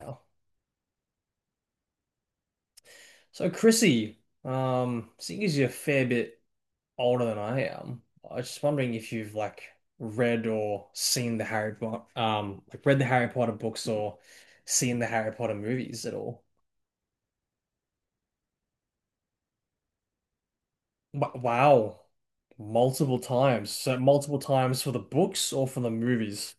Wow. So, Chrissy, seeing as you're a fair bit older than I am, I was just wondering if you've read or seen the Harry Potter, like read the Harry Potter books or seen the Harry Potter movies at all. Wow, multiple times. So multiple times for the books or for the movies.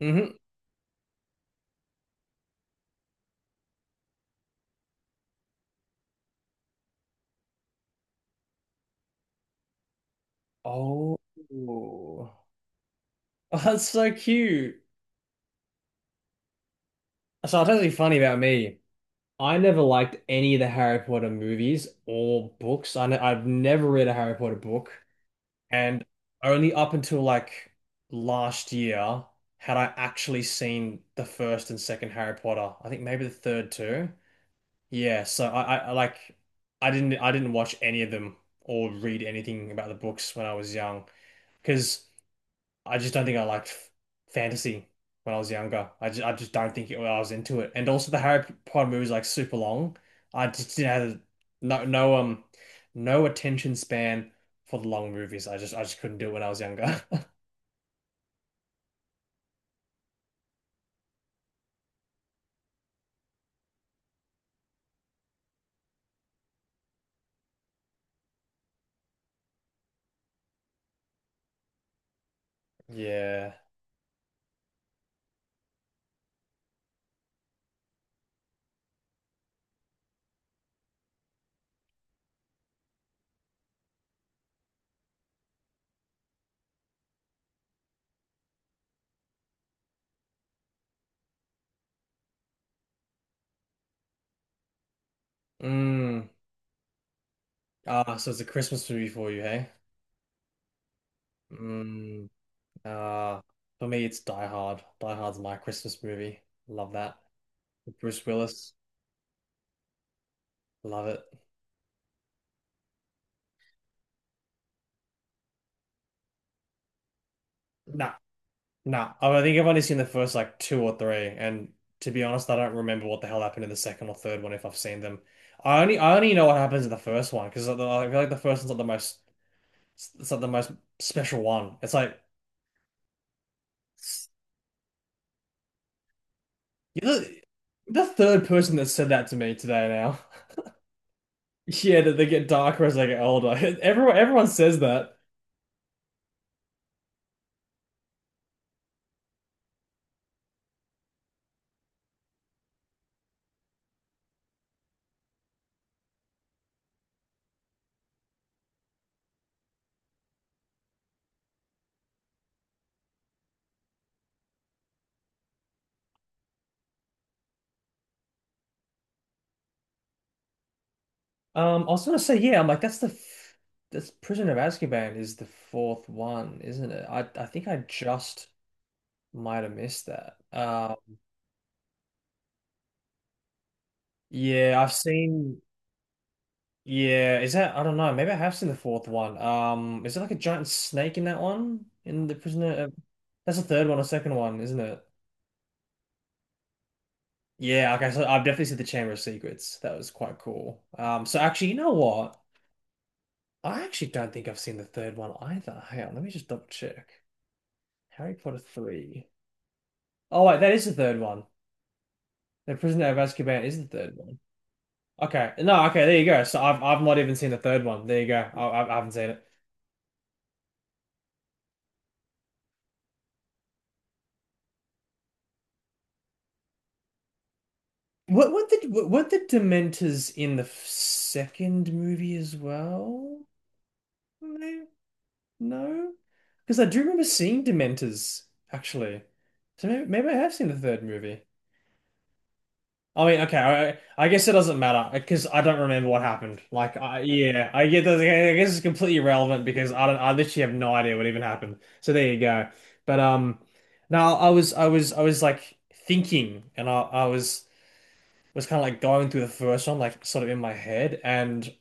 hmm Oh. Oh, that's so cute. So I'll tell you something funny about me. I never liked any of the Harry Potter movies or books. I've never read a Harry Potter book, and only up until like last year had I actually seen the first and second Harry Potter. I think maybe the third too. Yeah, so I I didn't watch any of them or read anything about the books when I was young because I just don't think I liked fantasy when I was younger. I just don't think it, I was into it. And also the Harry Potter movies like super long. I just didn't have no no um no attention span for the long movies. I just couldn't do it when I was younger. Yeah. Mm. Ah, so it's a Christmas movie for you, hey? Mm. Ah, for me it's Die Hard. Die Hard's my Christmas movie. Love that. With Bruce Willis. Love it. No, Nah, I think I've only seen the first like two or three, and to be honest, I don't remember what the hell happened in the second or third one if I've seen them. I only know what happens in the first one because I feel like the first one's not the most it's not the most special one. It's like you're the third person that said that to me today now. Yeah, that they get darker as they get older. Everyone says that. I was gonna say yeah. I'm like that's the f that's Prisoner of Azkaban is the fourth one, isn't it? I think I just might have missed that. Yeah, I've seen. Yeah, is that? I don't know. Maybe I have seen the fourth one. Is it like a giant snake in that one? In the Prisoner of... That's the third one or second one, isn't it? Yeah. Okay. So I've definitely seen the Chamber of Secrets. That was quite cool. So actually, you know what? I actually don't think I've seen the third one either. Hang on. Let me just double check. Harry Potter three. Oh wait, that is the third one. The Prisoner of Azkaban is the third one. Okay. No. Okay. There you go. So I've not even seen the third one. There you go. I haven't seen it. What the Dementors in the second movie as well? No, no, because I do remember seeing Dementors actually. So maybe I have seen the third movie. I mean, okay, I guess it doesn't matter because I don't remember what happened. Like, I, yeah, I get that. I guess it's completely irrelevant because I don't. I literally have no idea what even happened. So there you go. But now I was thinking, and I was. Was kind of like going through the first one, like sort of in my head, and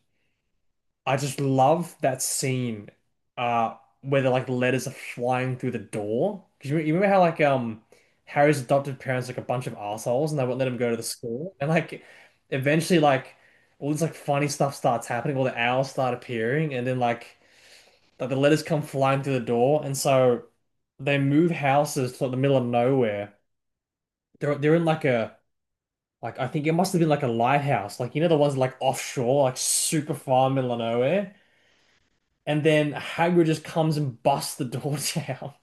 I just love that scene, where the like letters are flying through the door. Because you remember how like Harry's adopted parents like a bunch of assholes and they won't let him go to the school, and like eventually like all this like funny stuff starts happening, all the owls start appearing, and then like the letters come flying through the door, and so they move houses to like, the middle of nowhere. They're in like a like I think it must have been like a lighthouse, like you know the ones like offshore, like super far middle of nowhere. And then Hagrid just comes and busts the door down,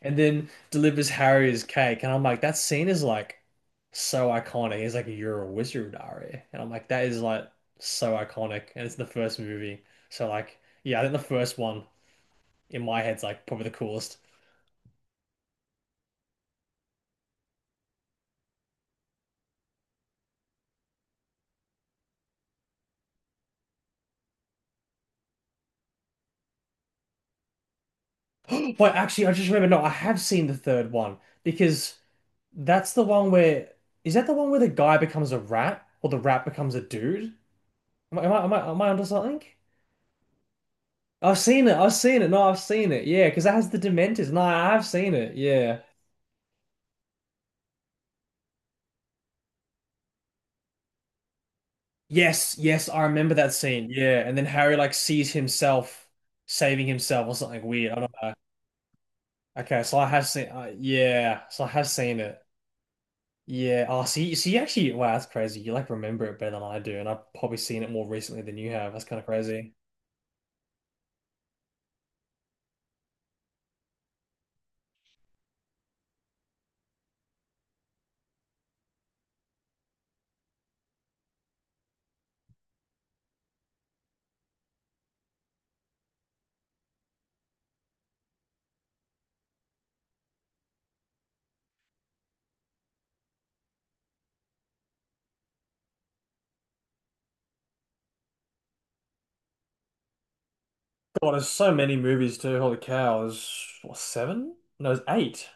and then delivers Harry's cake. And I'm like, that scene is like so iconic. He's like, "You're a wizard, Harry," and I'm like, that is like so iconic. And it's the first movie, so like, yeah, I think the first one in my head's like probably the coolest. But actually, I just remember, no, I have seen the third one because. That's the one where is that the one where the guy becomes a rat or the rat becomes a dude? Am I onto something? I've seen it. I've seen it. No, I've seen it. Yeah, because that has the Dementors. No, I have seen it. Yeah. Yes, yes, I remember that scene. Yeah, and then Harry like sees himself saving himself or something weird. I don't know. Okay, so I have seen. Yeah, so I have seen it. Yeah. Oh, so so you actually wow, that's crazy. You like remember it better than I do, and I've probably seen it more recently than you have. That's kind of crazy. God, there's so many movies too. Holy cow, there's what, seven? No, there's eight.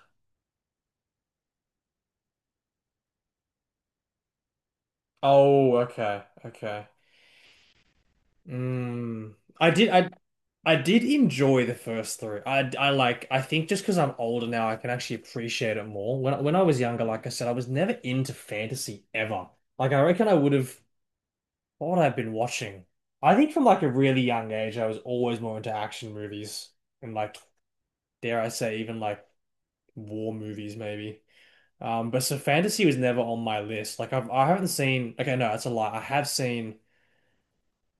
Oh, okay, okay. Mm. I did, I, I did enjoy the first three. I like, I think just because I'm older now, I can actually appreciate it more. When I was younger, like I said, I was never into fantasy ever. Like I reckon I would have thought I've been watching. I think from like a really young age, I was always more into action movies and like, dare I say, even like war movies maybe. But so fantasy was never on my list. I haven't seen. Okay, no, that's a lie. I have seen.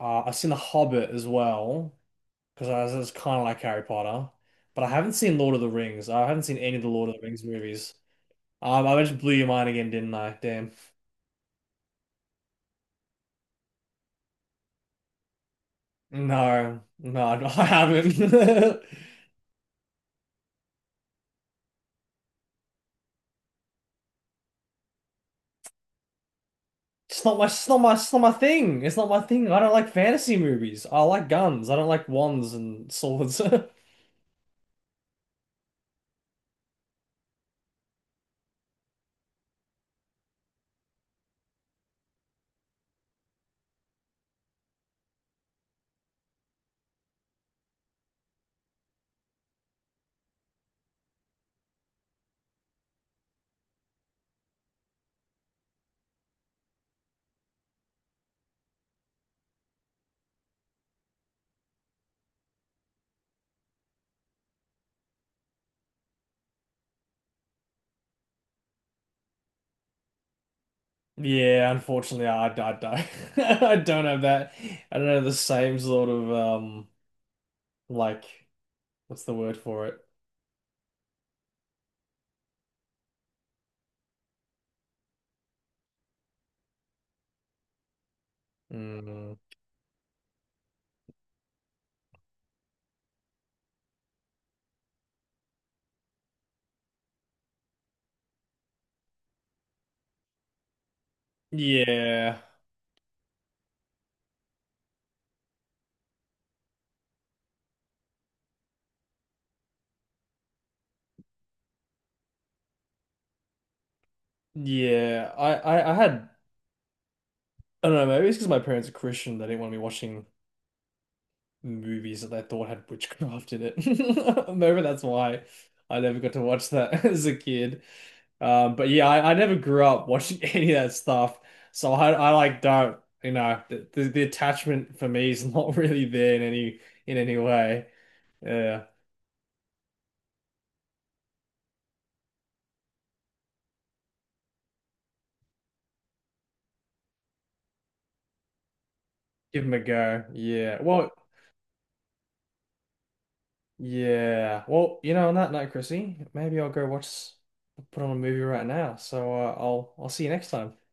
I've seen The Hobbit as well because it's kind of like Harry Potter, but I haven't seen Lord of the Rings. I haven't seen any of the Lord of the Rings movies. I just blew your mind again, didn't I? Damn. No, No, I haven't. It's not my thing. It's not my thing. I don't like fantasy movies. I like guns. I don't like wands and swords. Yeah, unfortunately, I don't. I don't have that. I don't have the same sort of like, what's the word for it? Mm, yeah, yeah. I had. I don't know. Maybe it's because my parents are Christian. They didn't want me watching movies that they thought had witchcraft in it. Maybe that's why I never got to watch that as a kid. But yeah, I never grew up watching any of that stuff, so I like don't, you know, the attachment for me is not really there in any way. Yeah, give them a go. Well, you know, on that note, Chrissy, maybe I'll go watch, put on a movie right now. So I'll see you next time.